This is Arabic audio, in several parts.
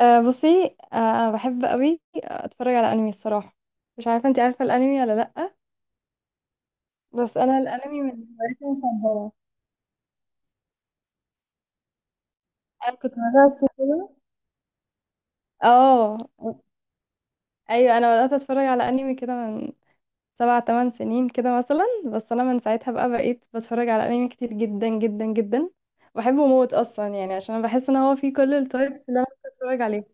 أه بصي، بحب قوي اتفرج على انمي، الصراحه. مش عارفه، انت عارفه الانمي ولا لا؟ بس انا الانمي من هواياتي المفضله. انا كنت بدات كده. اه، ايوه، انا بدات اتفرج على انمي كده من سبع تمن سنين كده مثلا. بس انا من ساعتها بقى بقيت بتفرج على انمي كتير جدا جدا جدا. بحبه موت اصلا، يعني عشان انا بحس ان هو فيه كل التايبس اللي انا بتفرج عليها.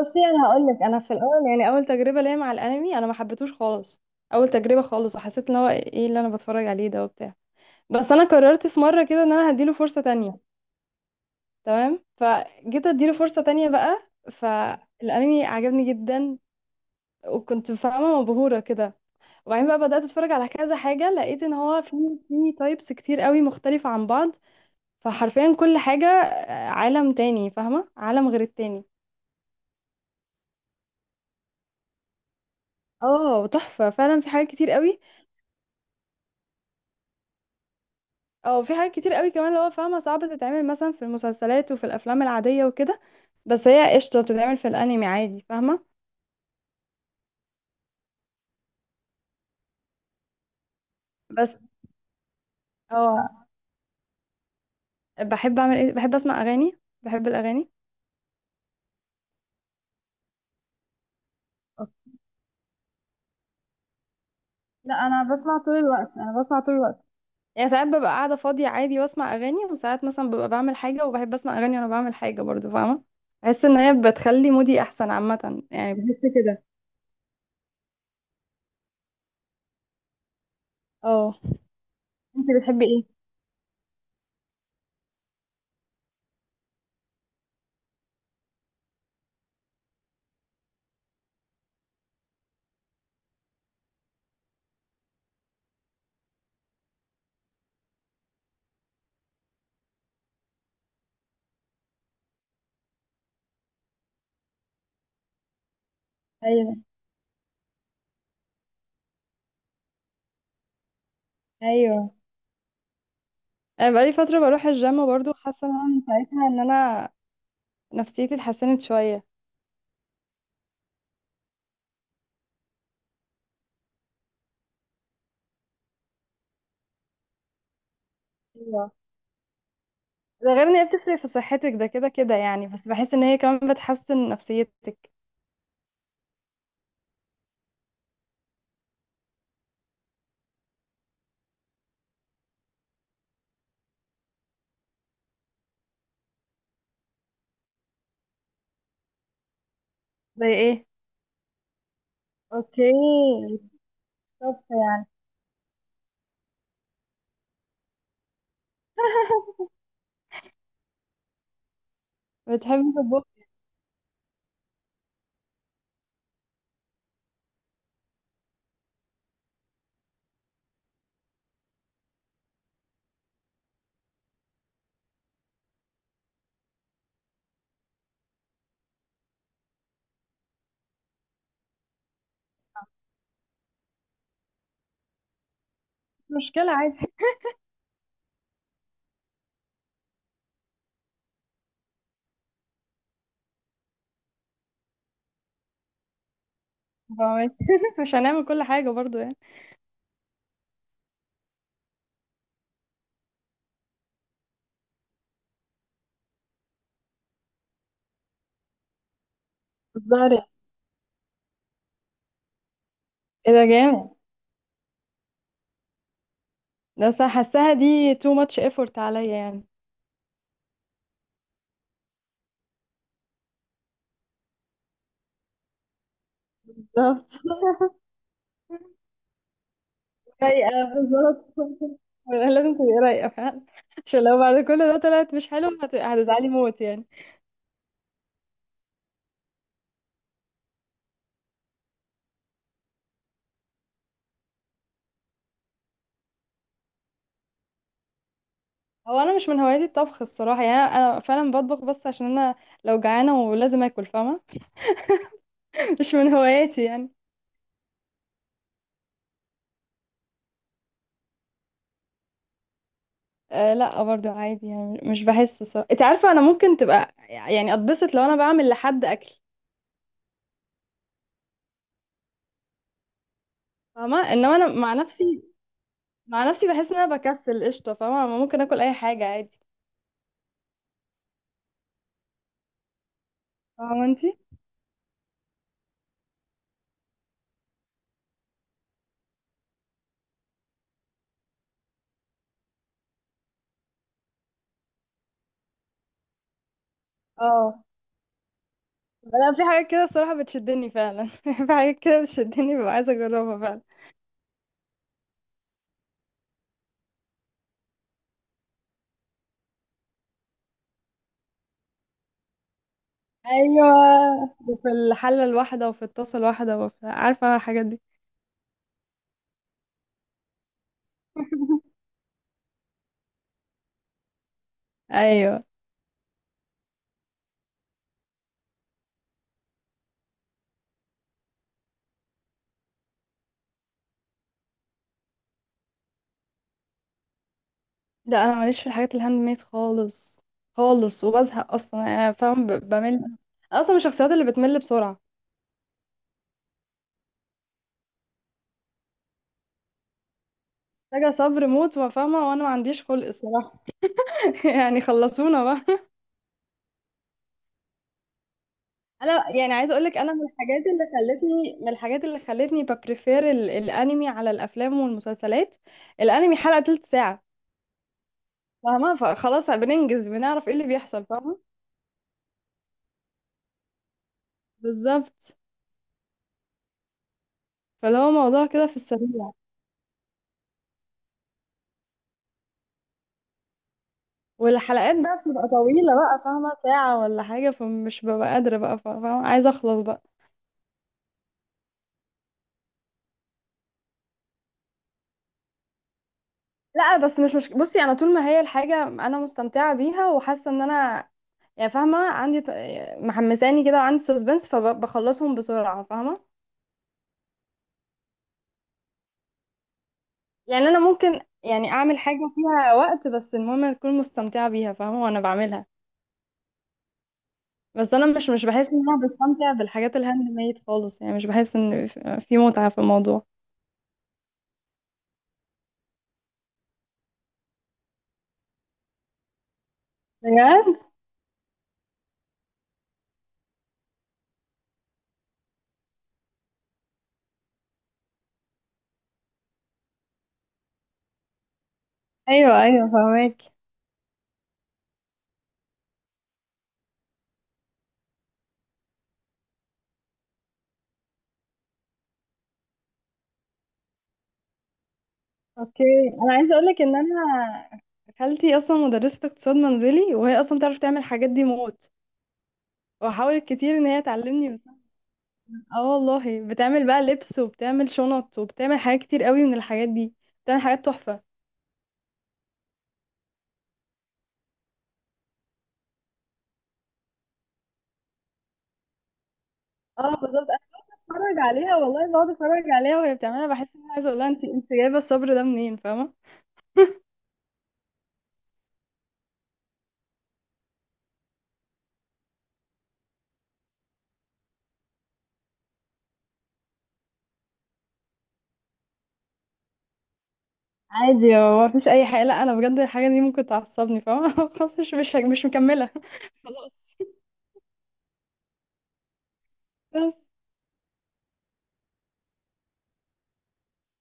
بصي انا هقول لك، انا في الاول يعني اول تجربه ليا مع الانمي انا ما حبيتهوش خالص. اول تجربه خالص، وحسيت ان هو ايه اللي انا بتفرج عليه ده وبتاع. بس انا قررت في مره كده ان انا هديله فرصه تانية. تمام، فجيت اديله فرصه تانية بقى، فالانمي عجبني جدا. وكنت فاهمه مبهوره كده. وبعدين بقى بدات اتفرج على كذا حاجه، لقيت ان هو في تايبس كتير قوي مختلفه عن بعض. فحرفيا كل حاجه، عالم تاني، فاهمه عالم غير التاني. اه، تحفه فعلا، في حاجات كتير قوي. او في حاجات كتير قوي كمان، اللي هو فاهمه صعب تتعمل مثلا في المسلسلات وفي الافلام العاديه وكده. بس هي قشطه بتتعمل في الانمي عادي، فاهمه. بس، اه بحب اعمل ايه، بحب اسمع اغاني، بحب الاغاني. أوكي. لا، انا بسمع طول الوقت، انا بسمع طول الوقت. يعني ساعات ببقى قاعده فاضيه عادي واسمع اغاني، وساعات مثلا ببقى بعمل حاجه وبحب اسمع اغاني وانا بعمل حاجه برضو، فاهمه. بحس ان هي بتخلي مودي احسن عامه، يعني بحس كده. اه، انت بتحبي ايه؟ ايوه، ايوه، انا بقالي فتره بروح الجيم برضو، حاسه ان انا من ساعتها ان انا نفسيتي اتحسنت شوية. ايوه، ده غير ان هي بتفرق في صحتك ده كده كده، يعني بس بحس ان هي كمان بتحسن نفسيتك. زي ايه؟ اوكي، بالظبط يعني. بتحبي تطبخي؟ مش مشكلة عادي، فاهمك. مش هنعمل كل حاجة برضو يعني. بتهزري؟ ايه ده! جامد. ده صح، حاساها دي too much effort عليا يعني. بالظبط. رايقة. بالظبط، لازم تبقي رايقة فعلا. عشان لو بعد كل ده طلعت مش حلو، هتزعلي موت يعني. هو انا مش من هواياتي الطبخ الصراحه يعني. انا فعلا بطبخ بس عشان انا لو جعانه ولازم اكل، فاهمه. مش من هواياتي يعني. أه لا، برضو عادي يعني، مش بحس الصراحه، انت عارفه انا ممكن تبقى يعني اتبسط لو انا بعمل لحد اكل. فاهمه انما انا مع نفسي، مع نفسي بحس ان انا بكسل قشطه، فاهمه أنا ممكن اكل اي حاجه عادي. فاهمه انت اه لا، في حاجات كده الصراحه بتشدني فعلا. في حاجات كده بتشدني، ببقى عايزه اجربها فعلا. ايوه، وفي الحله الواحده، وفي الطاسه الواحده، وفي عارفه انا الحاجات دي. ايوه، لا انا ماليش في الحاجات الهاند ميد خالص خالص، وبزهق اصلا يعني، انا فاهم بمل. أنا اصلا من الشخصيات اللي بتمل بسرعه. محتاجه صبر موت وفاهمه، وانا ما عنديش خلق الصراحه. يعني خلصونا بقى. انا يعني عايزه اقولك، انا من الحاجات اللي خلتني ببريفير الانمي على الافلام والمسلسلات. الانمي حلقه تلت ساعه، فاهمه، فخلاص بننجز، بنعرف ايه اللي بيحصل، فاهمه. بالظبط، فاللي هو موضوع كده في السريع. والحلقات بقى بتبقى طويلة بقى، فاهمة، ساعة ولا حاجة، فمش ببقى قادرة بقى، فاهمة، عايزة أخلص بقى. لا بس مش بصي، أنا طول ما هي الحاجة أنا مستمتعة بيها وحاسة إن أنا، يعني فاهمة، عندي محمساني كده وعندي سسبنس، فبخلصهم بسرعة، فاهمة. يعني أنا ممكن يعني أعمل حاجة فيها وقت، بس المهم أكون مستمتعة بيها، فاهمة وأنا بعملها. بس أنا مش بحس إن أنا بستمتع بالحاجات الهاند ميد خالص يعني، مش بحس إن في متعة في الموضوع. بجد؟ أيوه، أيوه، فاهمك. اوكي، انا عايزه اقول لك ان انا خالتي اصلا مدرسه اقتصاد منزلي، وهي اصلا بتعرف تعمل الحاجات دي موت. وحاولت كتير ان هي تعلمني، بس اه، والله بتعمل بقى لبس، وبتعمل شنط، وبتعمل حاجات كتير قوي من الحاجات دي. بتعمل حاجات تحفه. اه بالظبط، انا بتفرج عليها والله، بقعد اتفرج عليها وهي بتعملها، بحس ان انا عايزه اقول لها انت جايبه الصبر ده منين؟ فاهمه. عادي، هو مفيش اي حاجه، لا انا بجد الحاجه دي ممكن تعصبني، فاهمه. خلاص، مش مكمله. خلاص. بس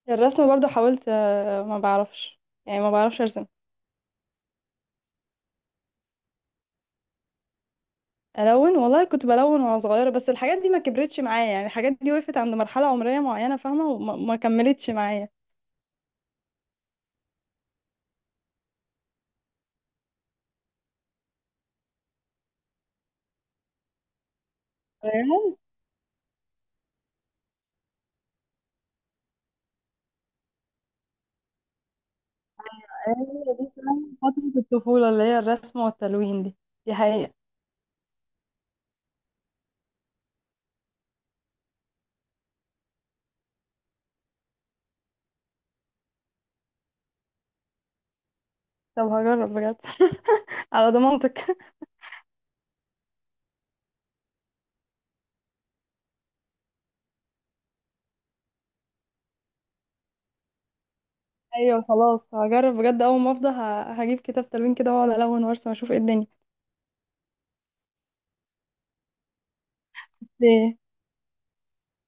الرسم برضو حاولت، ما بعرفش. يعني ما بعرفش ارسم. الون والله كنت بلون وانا صغيره، بس الحاجات دي ما كبرتش معايا، يعني الحاجات دي وقفت عند مرحله عمريه معينه، فاهمه، وما ما كملتش معايا. فاهمة؟ هي دي فعلاً فتره الطفوله اللي هي الرسم والتلوين دي. دي حقيقه. طب، هجرب بجد. على ضمانتك. ايوه، خلاص هجرب بجد اول ما افضى، هجيب كتاب تلوين كده واقعد الون وارسم اشوف ايه الدنيا.